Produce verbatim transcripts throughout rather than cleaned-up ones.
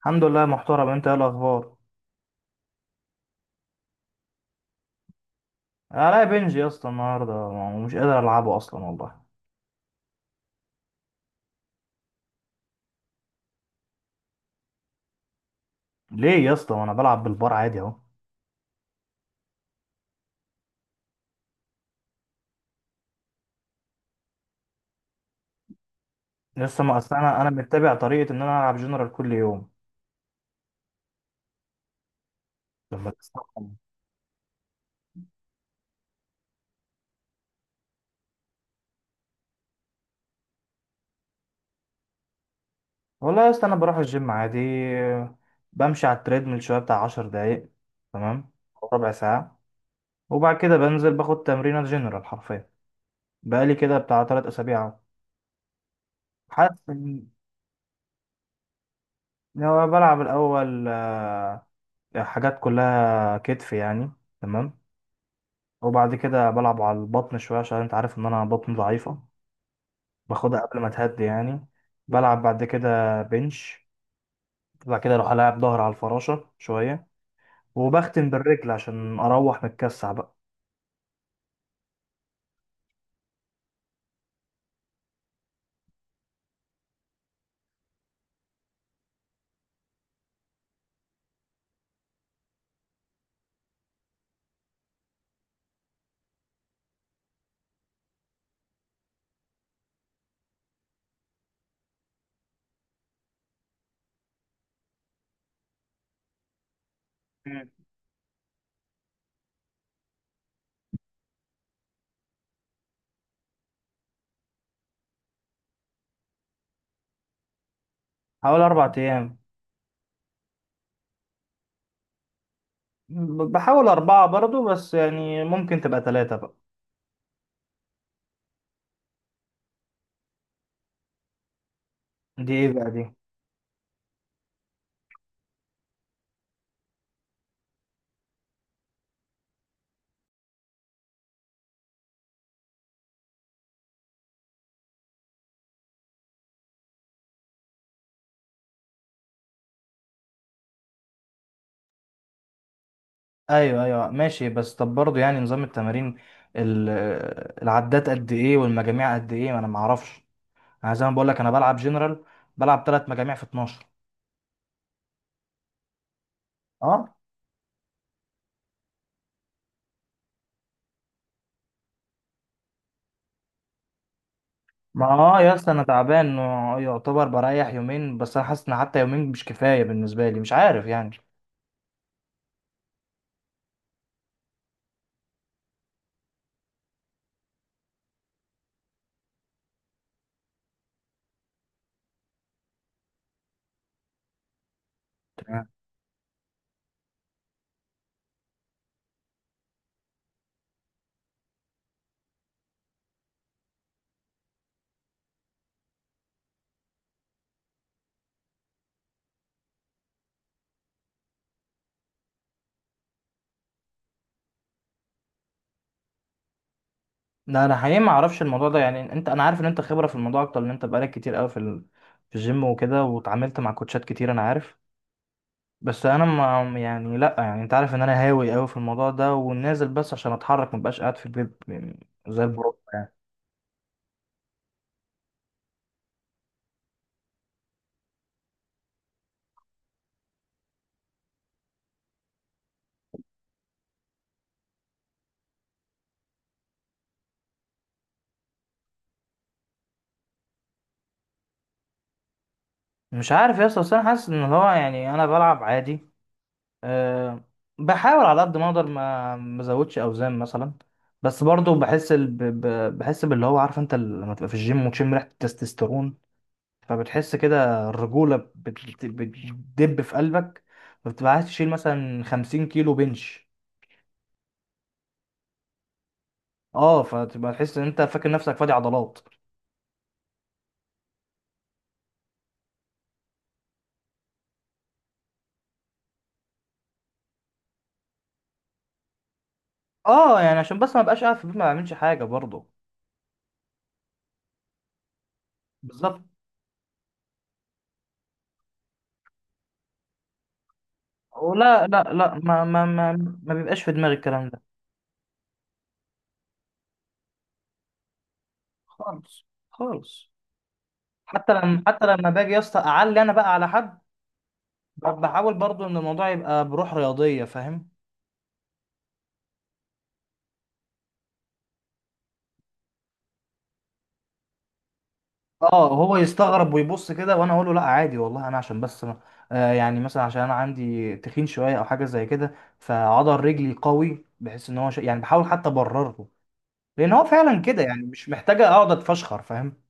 الحمد لله محترم. انت ايه الاخبار؟ انا بنج يا اسطى النهارده ومش قادر العبه اصلا والله. ليه يا اسطى وانا بلعب بالبار عادي اهو؟ لسه ما اصل انا انا متبع طريقه ان انا العب جنرال كل يوم. لما تستحمل. والله يا اسطى انا بروح الجيم عادي، بمشي على التريدميل شويه بتاع عشرة دقايق. تمام، او ربع ساعه. وبعد كده بنزل باخد تمرينه جنرال حرفيا. بقالي كده بتاع تلاتة اسابيع اهو. حاسس ان لو بلعب الاول، آه، حاجات كلها كتف يعني. تمام. وبعد كده بلعب على البطن شوية عشان انت عارف ان انا بطني ضعيفة. باخدها قبل ما تهدي يعني. بلعب بعد كده بنش. بعد كده اروح العب ظهر على الفراشة شوية، وبختم بالرجل عشان اروح متكسح بقى. مم. حوالي اربع ايام. ب- بحاول اربعة برضو بس يعني ممكن تبقى ثلاثة بقى. دي ايه بقى دي؟ ايوه ايوه، ماشي، بس طب برضو يعني نظام التمارين، ال- العدات قد ايه والمجاميع قد ايه؟ ما انا معرفش. انا زي ما بقول لك انا بلعب جنرال. بلعب ثلاث مجاميع في اتناشر. ما اه يا اسطى انا تعبان. يعتبر بريح يومين بس انا حاسس ان حتى يومين مش كفايه بالنسبه لي، مش عارف يعني. آه. لا انا حقيقي ما اعرفش الموضوع ده يعني انت، انا عارف ان انت خبره في الموضوع اكتر ان انت بقالك كتير قوي في ال... في الجيم وكده واتعاملت مع كوتشات كتير انا عارف. بس انا ما يعني لا يعني انت عارف ان انا هاوي قوي في الموضوع ده ونازل بس عشان اتحرك ما بقاش قاعد في البيت يعني زي البروف يعني. مش عارف يا اسطى بس انا حاسس ان هو يعني انا بلعب عادي. أه. بحاول على قد ما اقدر ما ما ازودش اوزان مثلا. بس برضو بحس ال... ب... ب- بحس باللي هو عارف انت ال- لما تبقى في الجيم وتشم ريحه التستوستيرون. فبتحس كده الرجوله بت... بتدب في قلبك. فبتبقى عايز تشيل مثلا خمسين كيلو بنش. اه، فتبقى تحس ان انت فاكر نفسك فادي عضلات. اه يعني عشان بس ما بقاش قاعد في البيت ما بعملش حاجه برضو. بالظبط. ولا لا لا، ما ما ما ما بيبقاش في دماغي الكلام ده. خالص خالص. حتى لما، حتى لما باجي يا اسطى اعلي انا بقى على حد، بحاول برضو ان الموضوع يبقى بروح رياضيه، فاهم؟ اه هو يستغرب ويبص كده وانا اقول له لا عادي والله، انا عشان بس ما- آه يعني مثلا عشان انا عندي تخين شويه او حاجه زي كده فعضل رجلي قوي، بحيث ان هو ش... يعني بحاول حتى ابرر له. لان هو فعلا كده يعني مش محتاجه اقعد اتفشخر، فاهم؟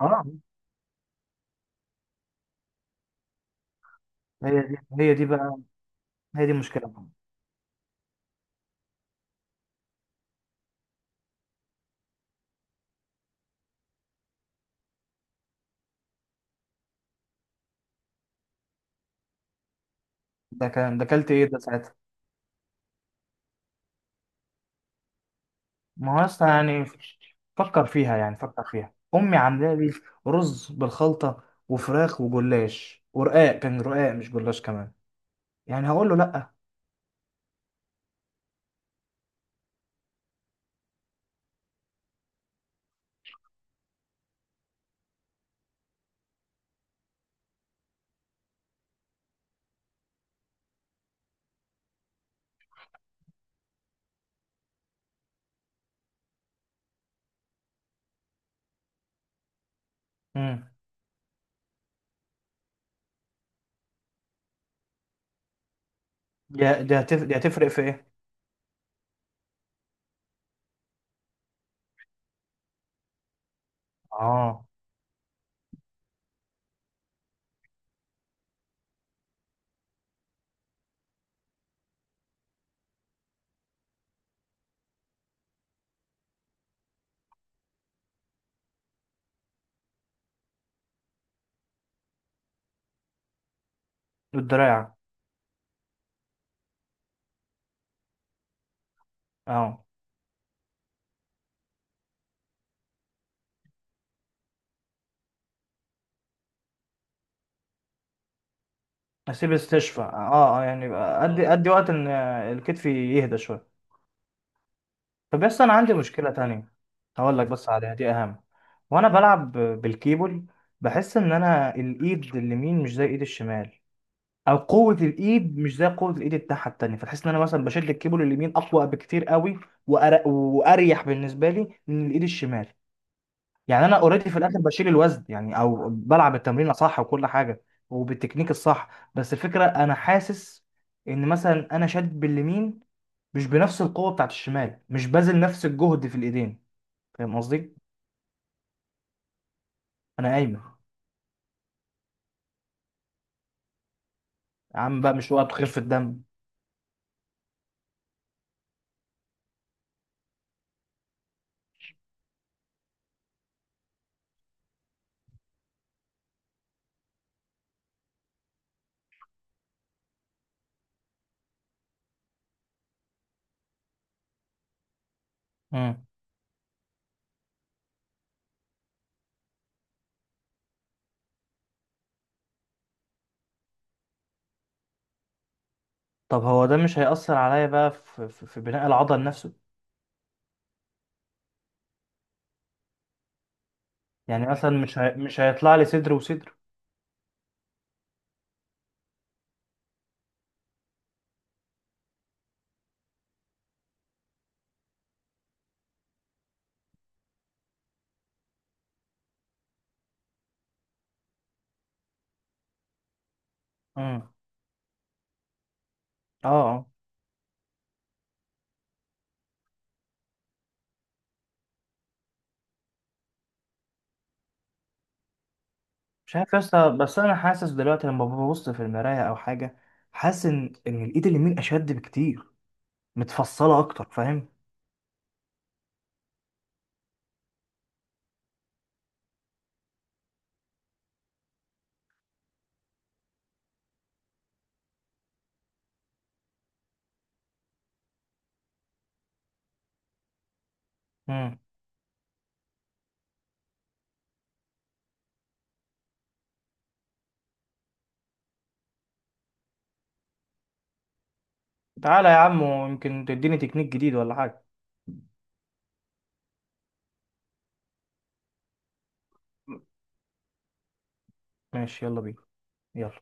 اه. هي دي هي دي بقى، هي دي المشكله. ده كان، ده اكلت ايه ده ساعتها؟ ما هو اصلا يعني، فكر فيها يعني، فكر فيها امي عامله لي رز بالخلطه وفراخ وجلاش، ورقاق، كان رقاق مش جلاش كمان. يعني هقول له لا؟ امم. دي دي هتف... دي هتفرق في ايه؟ اه. الدراع. اه. اسيب استشفى، اه اه يعني يبقى ادي، اه ادي وقت ان آه، الكتف يهدى شويه. طب بس انا عندي مشكله تانية. هقول لك بس عليها، دي اهم. وانا بلعب بالكيبل، بحس ان انا الايد اليمين مش زي ايد الشمال، او قوه الايد مش زي قوه الايد التحت التانيه. فتحس ان انا مثلا بشد الكيبل اليمين اقوى بكتير قوي، وأر- واريح بالنسبه لي من الايد الشمال. يعني انا اوريدي في الاخر بشيل الوزن يعني، او بلعب التمرين صح وكل حاجه وبالتكنيك الصح، بس الفكره انا حاسس ان مثلا انا شاد باليمين مش بنفس القوه بتاعت الشمال، مش باذل نفس الجهد في الايدين، فاهم قصدي؟ انا قايمه. يا عم بقى مش وقت خفه الدم. مم. طب هو ده مش هيأثر عليا بقى في, في في بناء العضل نفسه؟ يعني مثلا مش هي... مش هيطلع لي صدر وصدر؟ امم. اه اه. مش عارف يا اسطى بس انا حاسس دلوقتي لما ببص في المرايه او حاجه، حاسس ان ان الايد اليمين اشد بكتير، متفصله اكتر، فاهم؟ امم. تعالى يا عم ويمكن تديني تكنيك جديد ولا حاجه. ماشي يلا بينا. يلا.